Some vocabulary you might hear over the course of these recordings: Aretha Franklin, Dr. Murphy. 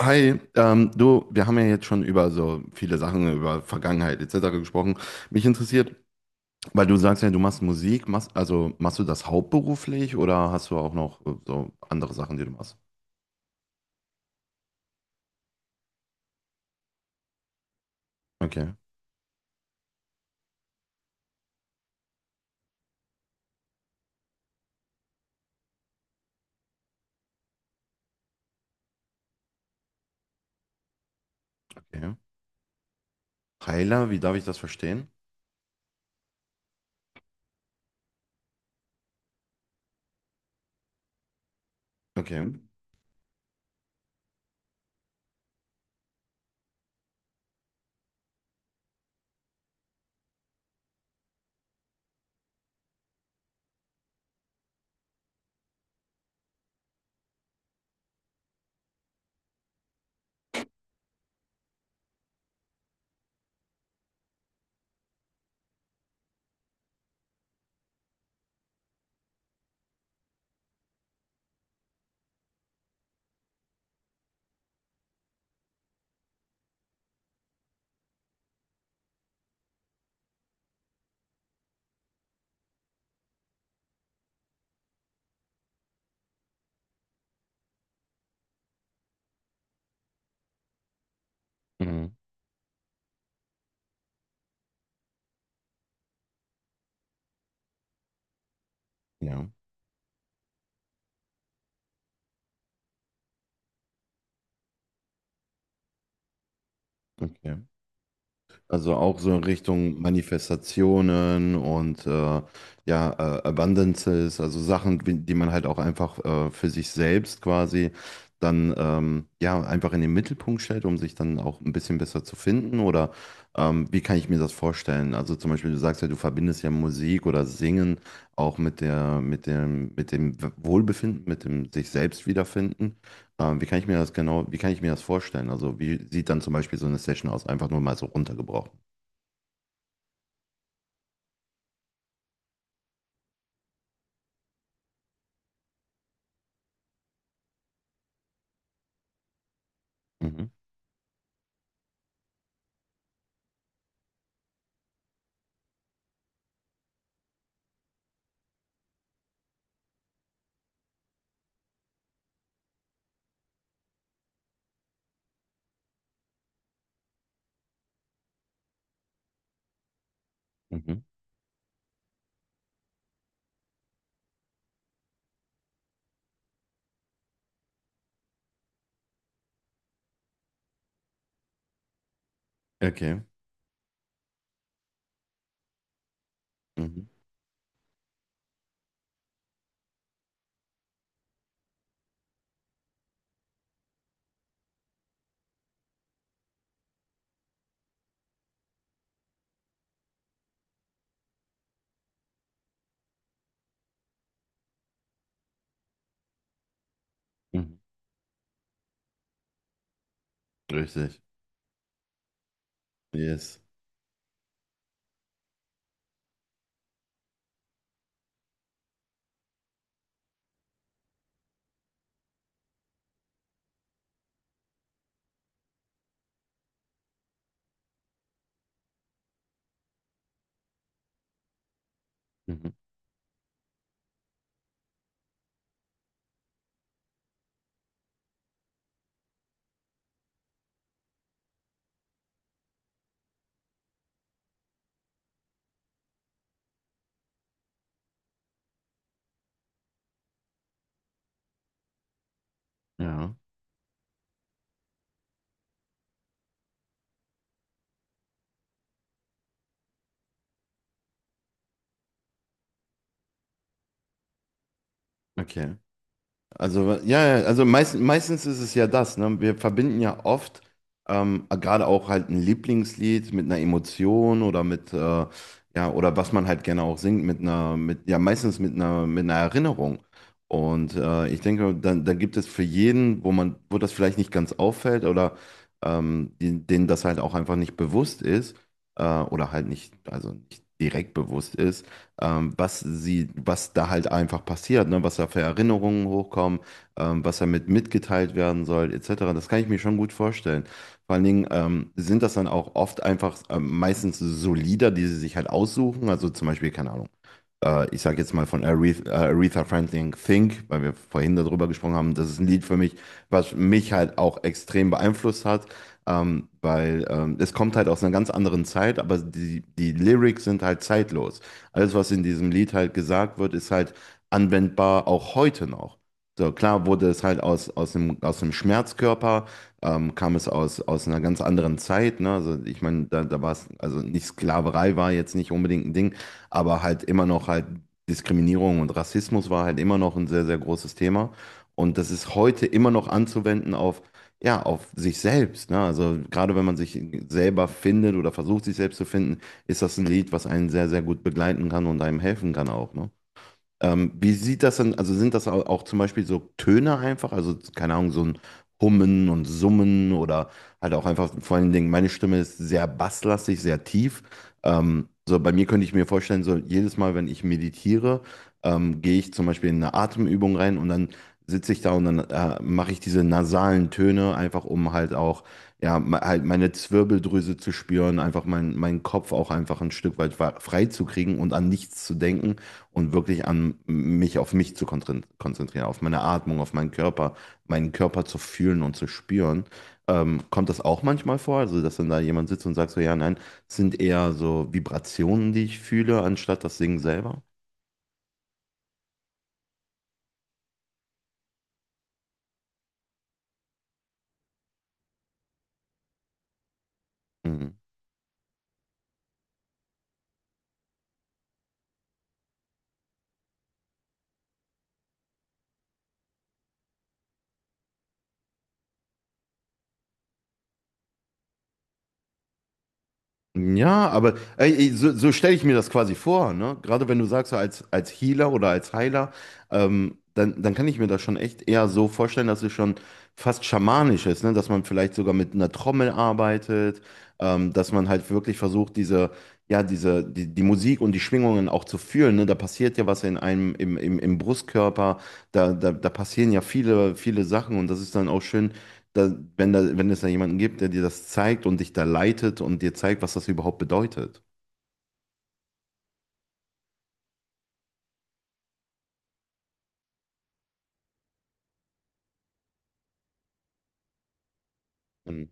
Hi, du, wir haben ja jetzt schon über so viele Sachen, über Vergangenheit etc. gesprochen. Mich interessiert, weil du sagst ja, du machst Musik, also machst du das hauptberuflich oder hast du auch noch so andere Sachen, die du machst? Okay, okay. Heiler, wie darf ich das verstehen? Okay. Mhm. Ja, okay. Also auch so in Richtung Manifestationen und ja, Abundances, also Sachen, die man halt auch einfach für sich selbst quasi dann ja einfach in den Mittelpunkt stellt, um sich dann auch ein bisschen besser zu finden. Oder wie kann ich mir das vorstellen? Also zum Beispiel, du sagst ja, du verbindest ja Musik oder Singen auch mit der, mit dem Wohlbefinden, mit dem sich selbst wiederfinden. Wie kann ich mir das genau, wie kann ich mir das vorstellen? Also wie sieht dann zum Beispiel so eine Session aus? Einfach nur mal so runtergebrochen. Mhm. Mhm. Okay. Mhm. Mhm. Richtig. Yes. Mhm. Ja. Okay. Also, ja, ja, also meistens ist es ja das, ne? Wir verbinden ja oft gerade auch halt ein Lieblingslied mit einer Emotion oder ja, oder was man halt gerne auch singt, mit einer, ja, meistens mit einer Erinnerung. Und ich denke, dann gibt es für jeden, wo man, wo das vielleicht nicht ganz auffällt oder denen das halt auch einfach nicht bewusst ist, oder halt nicht, also nicht direkt bewusst ist, was da halt einfach passiert, ne? Was da für Erinnerungen hochkommen, was damit mitgeteilt werden soll, etc. Das kann ich mir schon gut vorstellen. Vor allen Dingen sind das dann auch oft einfach meistens so Lieder, die sie sich halt aussuchen. Also zum Beispiel, keine Ahnung ich sage jetzt mal von Aretha Franklin Think, weil wir vorhin darüber gesprochen haben, das ist ein Lied für mich, was mich halt auch extrem beeinflusst hat, weil es kommt halt aus einer ganz anderen Zeit, aber die Lyrics sind halt zeitlos. Alles, was in diesem Lied halt gesagt wird, ist halt anwendbar auch heute noch. So, klar wurde es halt aus dem Schmerzkörper, kam es aus einer ganz anderen Zeit. Ne? Also ich meine, da war es, also nicht Sklaverei war jetzt nicht unbedingt ein Ding, aber halt immer noch halt Diskriminierung und Rassismus war halt immer noch ein sehr, sehr großes Thema. Und das ist heute immer noch anzuwenden auf, ja, auf sich selbst. Ne? Also gerade wenn man sich selber findet oder versucht, sich selbst zu finden, ist das ein Lied, was einen sehr, sehr gut begleiten kann und einem helfen kann auch. Ne? Wie sieht das denn, also sind das auch zum Beispiel so Töne einfach, also keine Ahnung, so ein Hummen und Summen oder halt auch einfach vor allen Dingen, meine Stimme ist sehr basslastig, sehr tief. So bei mir könnte ich mir vorstellen, so jedes Mal, wenn ich meditiere, gehe ich zum Beispiel in eine Atemübung rein und dann sitze ich da und dann mache ich diese nasalen Töne einfach, um halt auch, ja, halt meine Zwirbeldrüse zu spüren, einfach meinen Kopf auch einfach ein Stück weit frei zu kriegen und an nichts zu denken und wirklich an mich auf mich zu konzentrieren, auf meine Atmung, auf meinen Körper zu fühlen und zu spüren. Kommt das auch manchmal vor, also dass dann da jemand sitzt und sagt so, ja, nein, es sind eher so Vibrationen, die ich fühle, anstatt das Singen selber? Mhm. Ja, aber ey, so stelle ich mir das quasi vor, ne? Gerade wenn du sagst, so als Healer oder als Heiler, dann kann ich mir das schon echt eher so vorstellen, dass es schon fast schamanisch ist, ne? Dass man vielleicht sogar mit einer Trommel arbeitet, dass man halt wirklich versucht, diese, ja, diese, die Musik und die Schwingungen auch zu fühlen, ne? Da passiert ja was in einem, im Brustkörper, da passieren ja viele, viele Sachen und das ist dann auch schön da, wenn es da jemanden gibt, der dir das zeigt und dich da leitet und dir zeigt, was das überhaupt bedeutet. Mhm.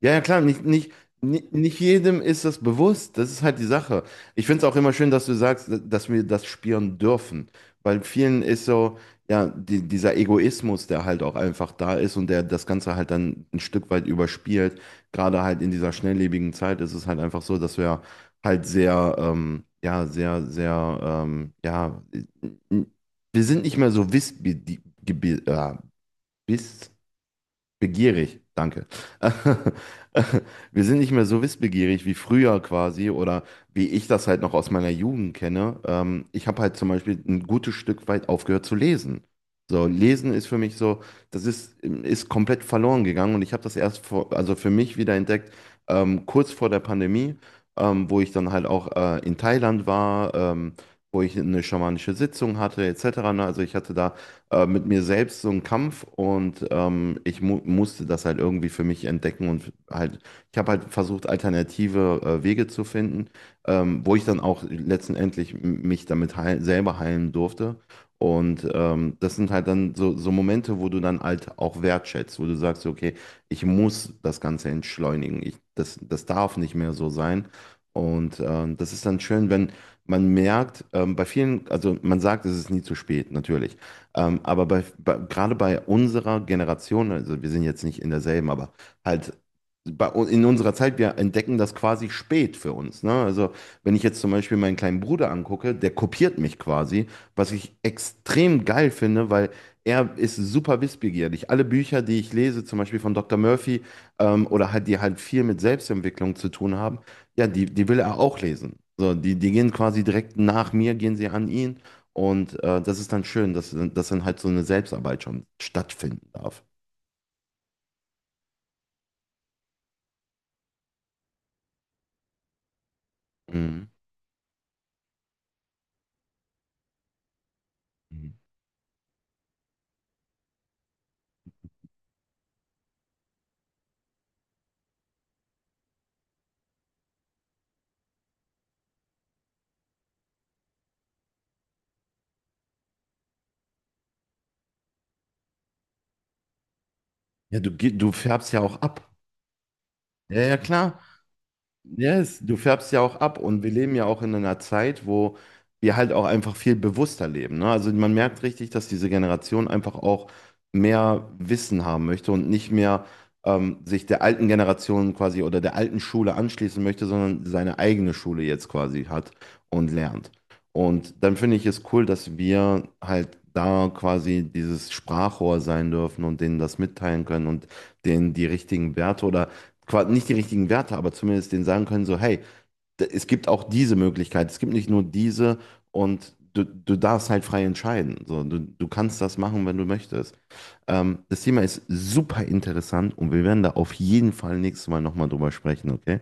Ja, ja, klar, nicht jedem ist das bewusst. Das ist halt die Sache. Ich finde es auch immer schön, dass du sagst, dass wir das spüren dürfen. Weil vielen ist so, ja, dieser Egoismus, der halt auch einfach da ist und der das Ganze halt dann ein Stück weit überspielt. Gerade halt in dieser schnelllebigen Zeit ist es halt einfach so, dass wir halt sehr, ja, sehr, sehr, ja, wir sind nicht mehr so wissbegierig, biss, begierig, danke. Wir sind nicht mehr so wissbegierig wie früher quasi oder wie ich das halt noch aus meiner Jugend kenne. Ich habe halt zum Beispiel ein gutes Stück weit aufgehört zu lesen. So, Lesen ist für mich so, das ist komplett verloren gegangen und ich habe das erst vor, also für mich wieder entdeckt, kurz vor der Pandemie, wo ich dann halt auch in Thailand war, wo ich eine schamanische Sitzung hatte, etc. Ne? Also ich hatte da mit mir selbst so einen Kampf und ich mu musste das halt irgendwie für mich entdecken und halt, ich habe halt versucht, alternative Wege zu finden, wo ich dann auch letztendlich mich damit heil selber heilen durfte. Und das sind halt dann so Momente, wo du dann halt auch wertschätzt, wo du sagst, okay, ich muss das Ganze entschleunigen, das darf nicht mehr so sein. Und das ist dann schön, wenn man merkt, bei vielen, also man sagt, es ist nie zu spät, natürlich. Aber gerade bei unserer Generation, also wir sind jetzt nicht in derselben, aber halt in unserer Zeit, wir entdecken das quasi spät für uns. Ne? Also wenn ich jetzt zum Beispiel meinen kleinen Bruder angucke, der kopiert mich quasi, was ich extrem geil finde, weil er ist super wissbegierig. Alle Bücher, die ich lese, zum Beispiel von Dr. Murphy oder halt die halt viel mit Selbstentwicklung zu tun haben, ja, die will er auch lesen. So, die gehen quasi direkt nach mir, gehen sie an ihn. Und das ist dann schön, dass dann halt so eine Selbstarbeit schon stattfinden darf. Mhm. Mhm. Ja, du färbst ja auch ab. Ja, ja, klar. Yes, du färbst ja auch ab und wir leben ja auch in einer Zeit, wo wir halt auch einfach viel bewusster leben, ne? Also man merkt richtig, dass diese Generation einfach auch mehr Wissen haben möchte und nicht mehr sich der alten Generation quasi oder der alten Schule anschließen möchte, sondern seine eigene Schule jetzt quasi hat und lernt. Und dann finde ich es cool, dass wir halt da quasi dieses Sprachrohr sein dürfen und denen das mitteilen können und denen die richtigen Werte oder quasi nicht die richtigen Werte, aber zumindest denen sagen können, so, hey, es gibt auch diese Möglichkeit, es gibt nicht nur diese und du darfst halt frei entscheiden. So, du kannst das machen, wenn du möchtest. Das Thema ist super interessant und wir werden da auf jeden Fall nächstes Mal nochmal drüber sprechen, okay?